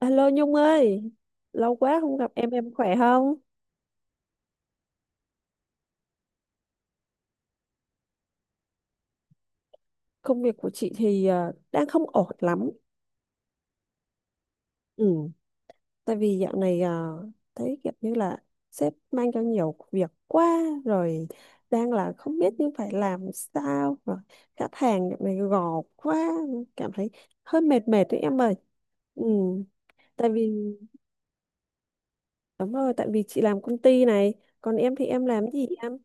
Alo Nhung ơi, lâu quá không gặp em khỏe không? Công việc của chị thì đang không ổn lắm. Ừ, tại vì dạo này à, thấy kiểu như là sếp mang cho nhiều việc quá rồi, đang là không biết như phải làm sao rồi, khách hàng dạo này gò quá, cảm thấy hơi mệt mệt đấy em ơi. Ừ, tại vì đúng rồi, tại vì chị làm công ty này, còn em thì em làm gì em?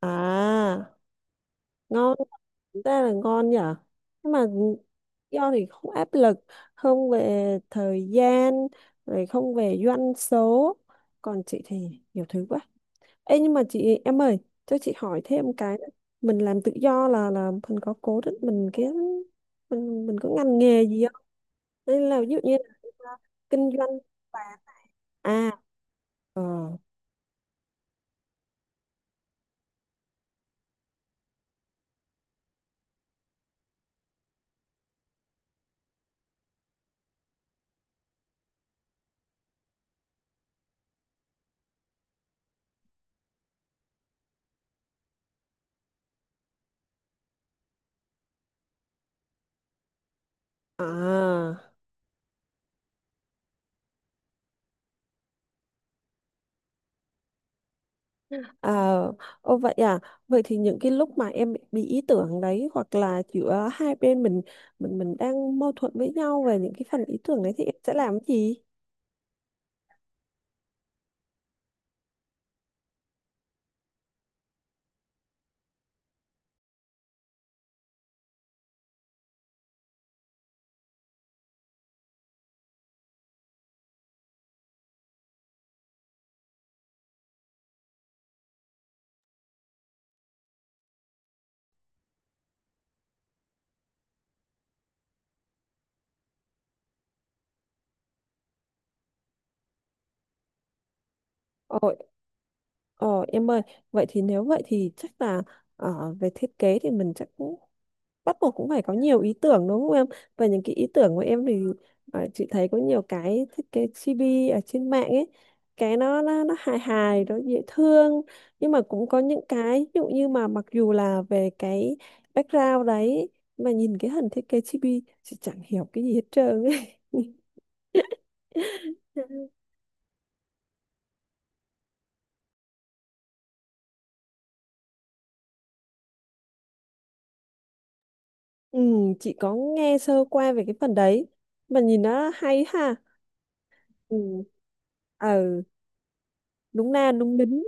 À, ngon, chúng ta là ngon nhở, nhưng mà do thì không áp lực, không về thời gian, rồi không về doanh số, còn chị thì nhiều thứ quá. Ê nhưng mà chị em ơi, cho chị hỏi thêm cái nữa. Mình làm tự do là mình có cố định mình cái, mình có ngành nghề gì không, nên là ví dụ như là, à, kinh doanh vàng à, ờ, à. À, ô vậy à, vậy thì những cái lúc mà em bị ý tưởng đấy hoặc là giữa hai bên mình, mình đang mâu thuẫn với nhau về những cái phần ý tưởng đấy thì em sẽ làm cái gì? Ồ, ồ em ơi, vậy thì nếu vậy thì chắc là về thiết kế thì mình chắc cũng bắt buộc cũng phải có nhiều ý tưởng đúng không em, và những cái ý tưởng của em thì à, chị thấy có nhiều cái thiết kế chibi ở trên mạng ấy, cái nó hài hài, nó dễ thương, nhưng mà cũng có những cái ví dụ như mà mặc dù là về cái background đấy mà nhìn cái hình thiết kế chibi chị chẳng hiểu cái gì hết trơn ấy. Ừ, chị có nghe sơ qua về cái phần đấy, mà nhìn nó hay ha. Ừ, ờ, đúng na đúng đính.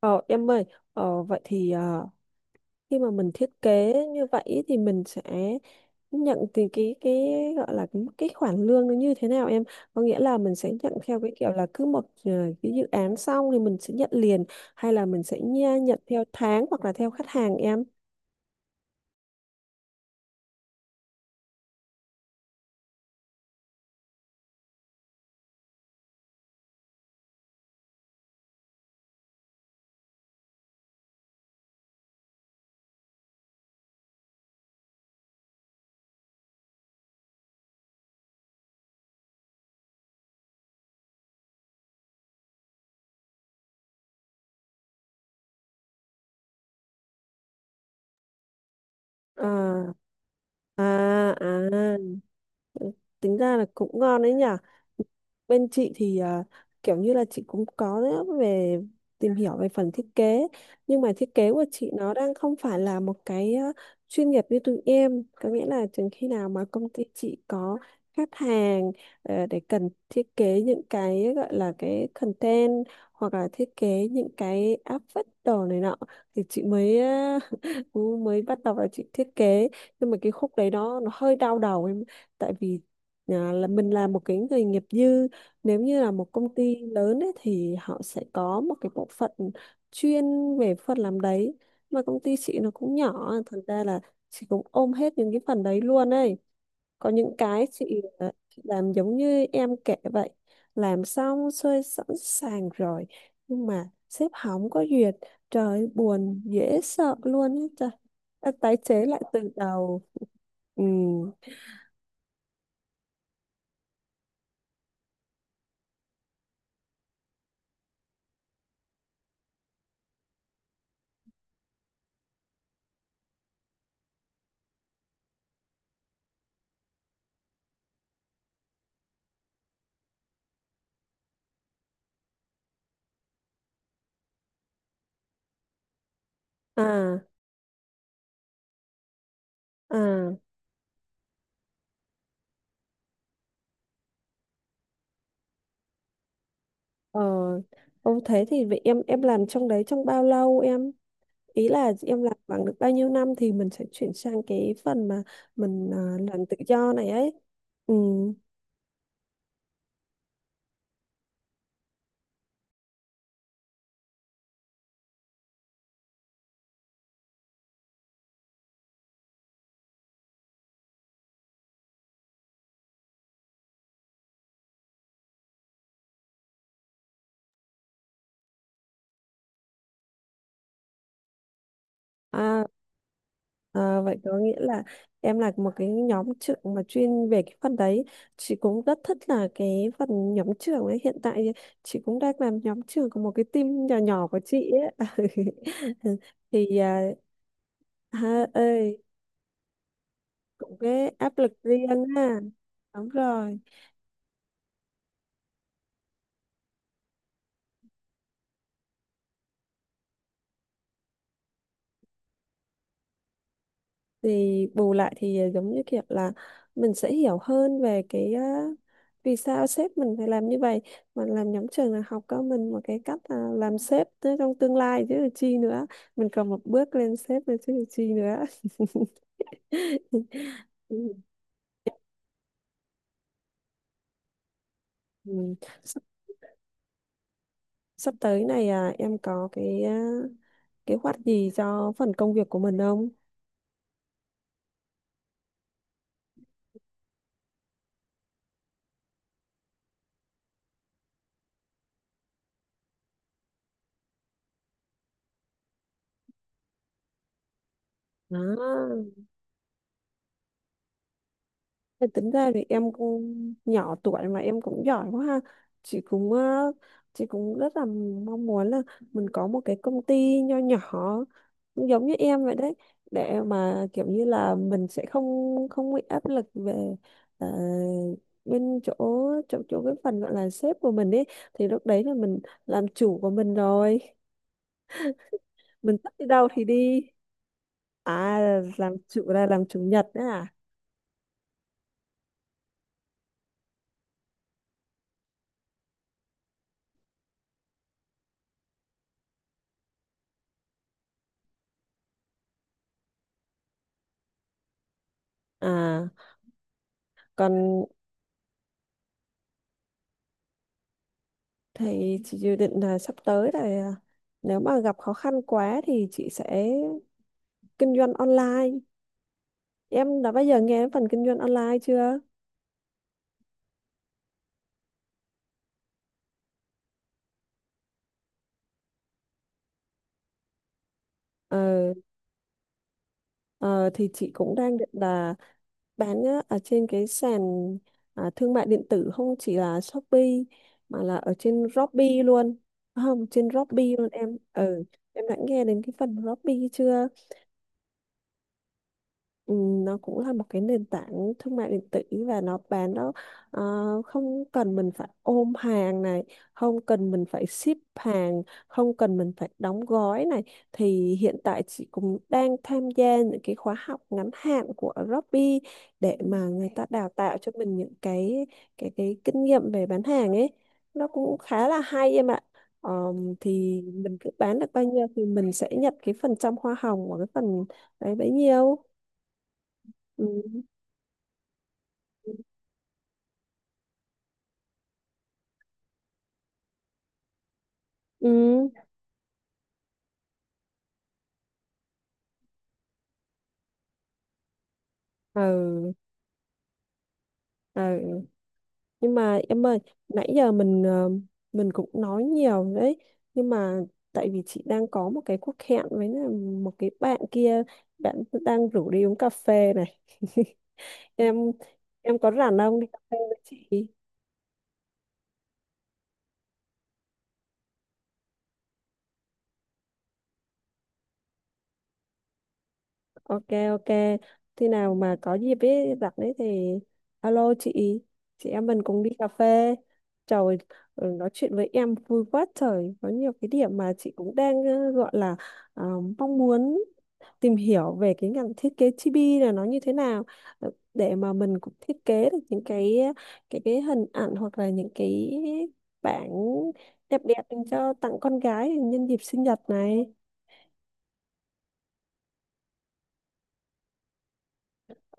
Ờ em ơi, vậy thì ờ, khi mà mình thiết kế như vậy thì mình sẽ nhận từ cái gọi là cái khoản lương nó như thế nào em, có nghĩa là mình sẽ nhận theo cái kiểu là cứ một ờ, cái dự án xong thì mình sẽ nhận liền, hay là mình sẽ nhận theo tháng hoặc là theo khách hàng em. À, à, à, tính ra là cũng ngon đấy nhỉ. Bên chị thì à, kiểu như là chị cũng có đấy, về tìm hiểu về phần thiết kế, nhưng mà thiết kế của chị nó đang không phải là một cái à, chuyên nghiệp như tụi em, có nghĩa là chừng khi nào mà công ty chị có khách hàng ờ, để cần thiết kế những cái gọi là cái content, hoặc là thiết kế những cái áp phích đồ này nọ, thì chị mới cú mới bắt đầu là chị thiết kế, nhưng mà cái khúc đấy nó hơi đau đầu em, tại vì à, là mình là một cái người nghiệp dư, nếu như là một công ty lớn ấy, thì họ sẽ có một cái bộ phận chuyên về phần làm đấy, mà công ty chị nó cũng nhỏ thành ra là chị cũng ôm hết những cái phần đấy luôn ấy. Có những cái chị chị làm giống như em kể vậy, làm xong xuôi sẵn sàng rồi, nhưng mà sếp hỏng có duyệt, trời ơi, buồn dễ sợ luôn ấy trời. Đã tái chế lại từ đầu. Ừ. À, à, ờ, ông thế thì vậy em, làm trong đấy trong bao lâu em, ý là em làm bằng được bao nhiêu năm thì mình sẽ chuyển sang cái phần mà mình làm tự do này ấy. Ừ. À, à, vậy có nghĩa là em là một cái nhóm trưởng mà chuyên về cái phần đấy. Chị cũng rất thích là cái phần nhóm trưởng ấy, hiện tại thì chị cũng đang làm nhóm trưởng của một cái team nhỏ nhỏ của chị ấy. Thì à, ha ơi, cũng cái áp lực riêng ha. Đúng rồi, thì bù lại thì à, giống như kiểu là mình sẽ hiểu hơn về cái á, vì sao sếp mình phải làm như vậy, mà làm nhóm trường là học cho mình một cái cách à, làm sếp tới trong tương lai chứ là chi nữa, mình còn một bước lên sếp nữa chứ là chi nữa. Ừ. Ừ. sắp, sắp tới này à, em có cái à, kế hoạch gì cho phần công việc của mình không? Đó, thì tính ra thì em cũng nhỏ tuổi mà em cũng giỏi quá ha. Chị cũng ờ, chị cũng rất là mong muốn là mình có một cái công ty nho nhỏ cũng giống như em vậy đấy, để mà kiểu như là mình sẽ không không bị áp lực về ờ, bên chỗ chỗ chỗ cái phần gọi là sếp của mình ấy, thì lúc đấy là mình làm chủ của mình rồi, mình thích đi đâu thì đi. À, làm chủ là làm chủ nhật đấy à? À, còn thì chị dự định là sắp tới là à, nếu mà gặp khó khăn quá thì chị sẽ kinh doanh online. Em đã bao giờ nghe đến phần kinh doanh online chưa? Ờ, ờ, thì chị cũng đang định là bán á, ở trên cái sàn à, thương mại điện tử, không chỉ là Shopee mà là ở trên Robby luôn. Không, trên Robby luôn em ừ, em đã nghe đến cái phần Robby chưa? Ừ, nó cũng là một cái nền tảng thương mại điện tử, và nó bán nó ờ, không cần mình phải ôm hàng này, không cần mình phải ship hàng, không cần mình phải đóng gói này, thì hiện tại chị cũng đang tham gia những cái khóa học ngắn hạn của Robby để mà người ta đào tạo cho mình những cái cái kinh nghiệm về bán hàng ấy, nó cũng khá là hay em ạ. Thì mình cứ bán được bao nhiêu thì mình sẽ nhận cái phần trăm hoa hồng của cái phần đấy bấy nhiêu. Ừ, ừ, ừ. Ừ. Nhưng mà em ơi, nãy giờ mình ờ, mình cũng nói nhiều đấy, nhưng mà tại vì chị đang có một cái cuộc hẹn với là một cái bạn kia, bạn đang rủ đi uống cà phê này. em em có rảnh không, đi cà phê với chị? Ok ok, khi nào mà có dịp ấy rảnh đấy thì alo chị em mình cùng đi cà phê. Trời ừ, nói chuyện với em vui quá trời, có nhiều cái điểm mà chị cũng đang ờ, gọi là ờ, mong muốn tìm hiểu về cái ngành thiết kế chibi là nó như thế nào, ờ, để mà mình cũng thiết kế được những cái ờ, cái hình ảnh hoặc là những cái bảng đẹp đẹp dành cho tặng con gái nhân dịp sinh nhật này.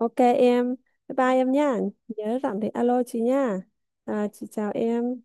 Ok em, bye bye em nha. Nhớ rảnh thì alo chị nha. À, chị chào em.